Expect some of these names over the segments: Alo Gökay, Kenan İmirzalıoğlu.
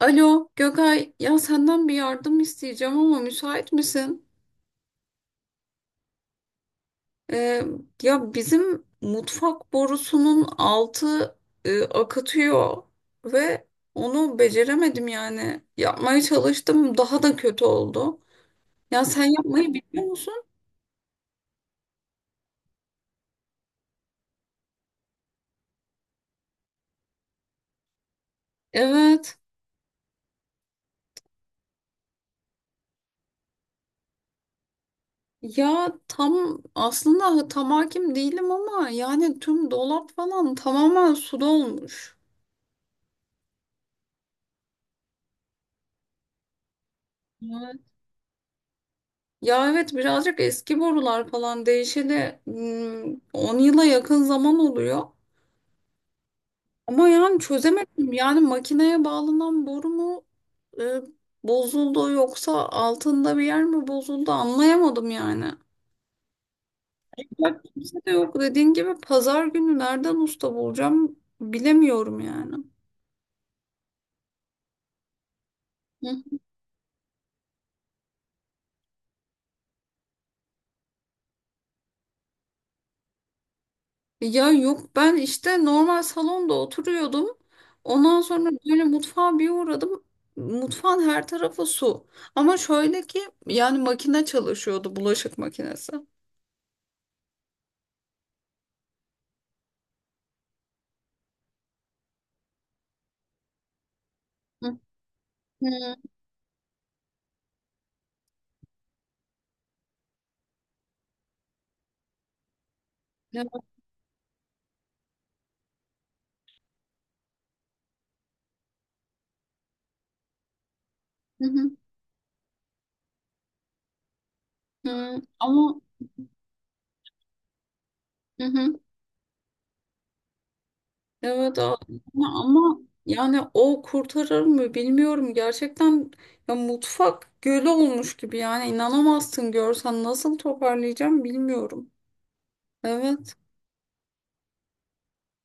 Alo Gökay, ya senden bir yardım isteyeceğim ama müsait misin? Ee, Ya bizim mutfak borusunun altı akıtıyor ve onu beceremedim yani. Yapmaya çalıştım, daha da kötü oldu. Ya sen yapmayı biliyor musun? Evet. Ya tam aslında tam hakim değilim ama yani tüm dolap falan tamamen su dolmuş. Ya evet birazcık eski borular falan değişeli 10 yıla yakın zaman oluyor. Ama yani çözemedim. Yani makineye bağlanan boru mu e, bozuldu yoksa altında bir yer mi bozuldu anlayamadım yani. Ya kimse de yok dediğin gibi pazar günü nereden usta bulacağım bilemiyorum yani. Hı. Ya yok ben işte normal salonda oturuyordum. Ondan sonra böyle mutfağa bir uğradım. Mutfağın her tarafı su. Ama şöyle ki yani makine çalışıyordu bulaşık makinesi. Hı hı. Evet, hı hı, hı. Ama hı hı. Evet ama yani o kurtarır mı bilmiyorum. Gerçekten ya mutfak gölü olmuş gibi yani inanamazsın görsen nasıl toparlayacağım bilmiyorum. Evet.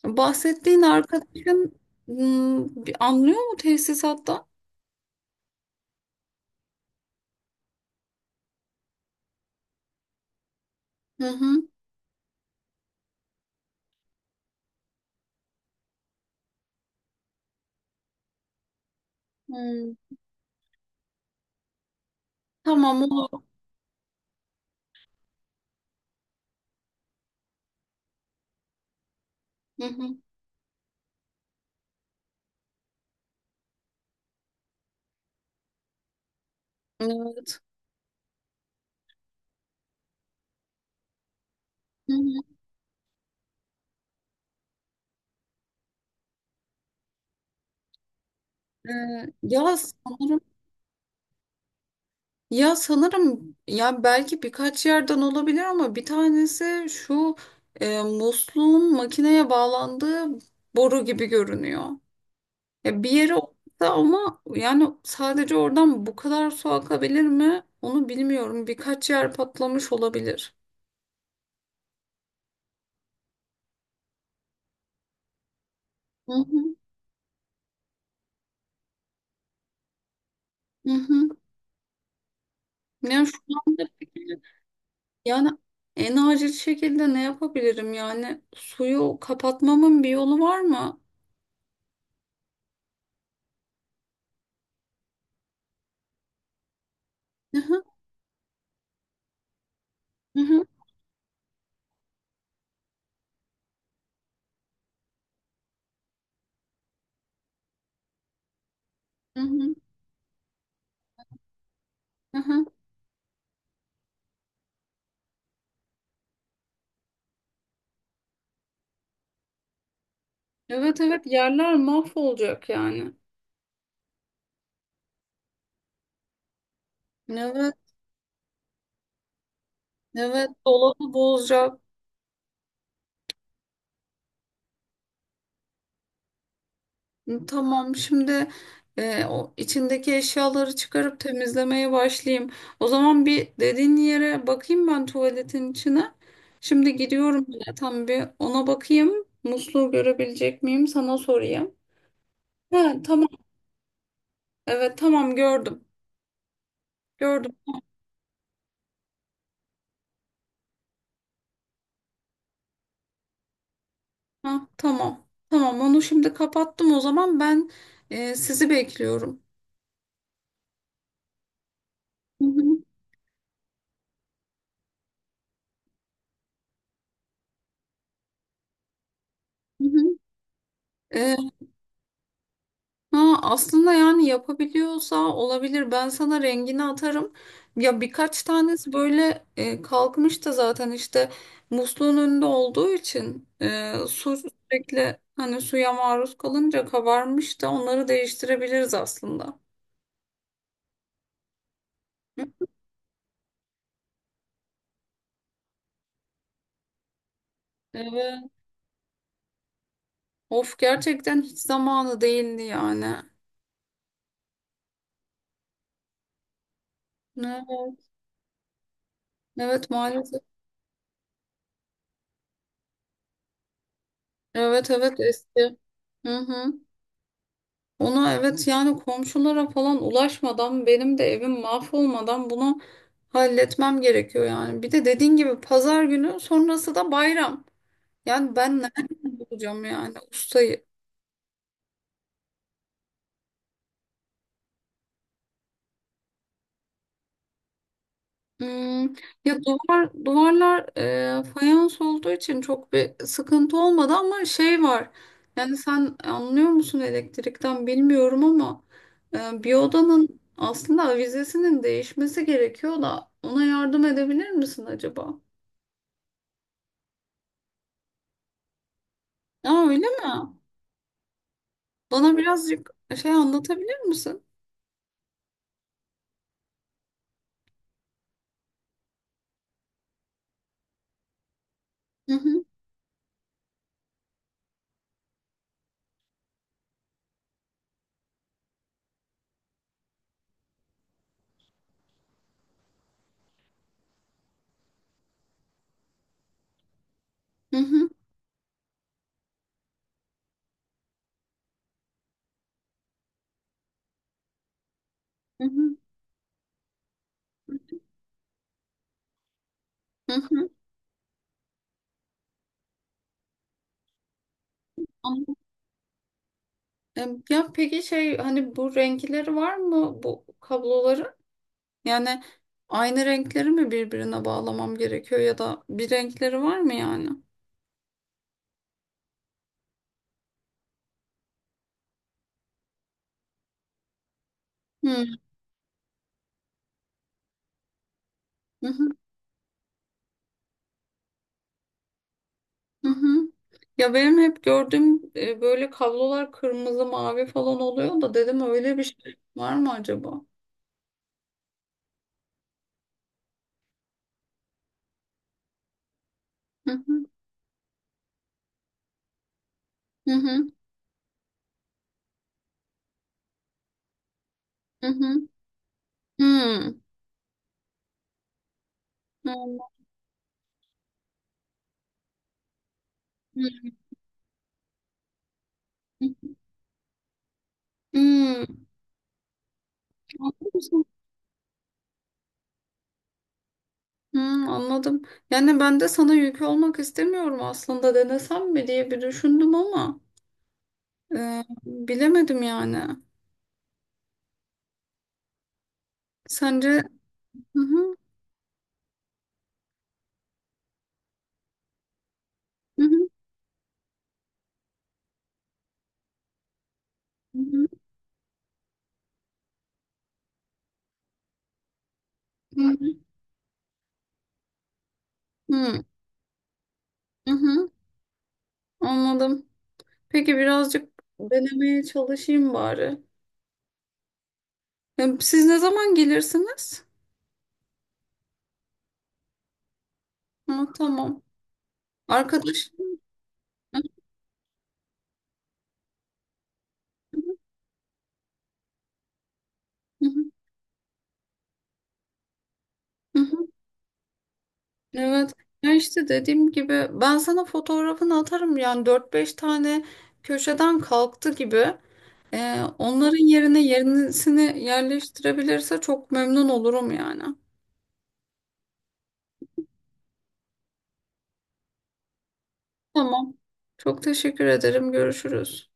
Bahsettiğin arkadaşın bir anlıyor mu tesisatta? Hı hı. Hmm, Tamam olur. Hı hı. Evet. Hı hı. Ee, ya sanırım ya sanırım ya belki birkaç yerden olabilir ama bir tanesi şu musluğun makineye bağlandığı boru gibi görünüyor. Ya bir yere oturttu ama yani sadece oradan bu kadar su akabilir mi? Onu bilmiyorum. Birkaç yer patlamış olabilir. Hı hı. Hı hı. Yani şu anda peki, yani en acil şekilde ne yapabilirim? Yani suyu kapatmamın bir yolu var mı? Hı hı, hı hı, hı hı, hı hı. Evet evet yerler mahvolacak yani. Evet evet dolabı bozacak. Tamam şimdi o içindeki eşyaları çıkarıp temizlemeye başlayayım. O zaman bir dediğin yere bakayım ben tuvaletin içine. Şimdi gidiyorum bile tam bir ona bakayım. Musluğu görebilecek miyim sana sorayım. Ha, tamam. Evet tamam gördüm. Gördüm. Ha, tamam. Tamam onu şimdi kapattım o zaman ben sizi bekliyorum. Hı hı, hı hı. E, ha, aslında yani yapabiliyorsa olabilir. Ben sana rengini atarım. Ya birkaç tanesi böyle kalkmış da zaten işte musluğun önünde olduğu için su sürekli hani suya maruz kalınca kabarmış da onları değiştirebiliriz aslında. Hı? Evet. Of gerçekten hiç zamanı değildi yani. Evet, evet maalesef. Evet evet eski. Hı hı. Ona evet yani komşulara falan ulaşmadan benim de evim mahvolmadan bunu halletmem gerekiyor yani. Bir de dediğin gibi pazar günü sonrası da bayram. Yani ben nereden bulacağım yani ustayı? Hmm, Ya duvarlar fayans olduğu için çok bir sıkıntı olmadı ama şey var. Yani sen anlıyor musun elektrikten bilmiyorum ama bir odanın aslında avizesinin değişmesi gerekiyor da ona yardım edebilir misin acaba? Aa öyle mi? Bana birazcık şey anlatabilir misin? Hı hı hı hı hı hı. Hı hı. Anladım. Ya peki şey hani bu renkleri var mı bu kabloların? Yani aynı renkleri mi birbirine bağlamam gerekiyor ya da bir renkleri var mı yani? Hı hı hı. Hı. Ya benim hep gördüğüm böyle kablolar kırmızı mavi falan oluyor da dedim öyle bir şey var mı acaba? Hı hı hı hı hı. Hı. Hı. Anladım. Hı. Hmm, Anladın mı? Anladım. Yani ben de sana yük olmak istemiyorum aslında denesem mi diye bir düşündüm ama bilemedim yani. Sence? Hı hı, hı hı. Hı hı, hı hı, anladım. Peki birazcık denemeye çalışayım bari. Ya, siz ne zaman gelirsiniz? Ha, tamam. Arkadaş. Hı hı, hı hı. Evet. Ya işte dediğim gibi ben sana fotoğrafını atarım. Yani dört beş tane köşeden kalktı gibi. Onların yerine yenisini yerleştirebilirse çok memnun olurum yani. Tamam. Çok teşekkür ederim. Görüşürüz.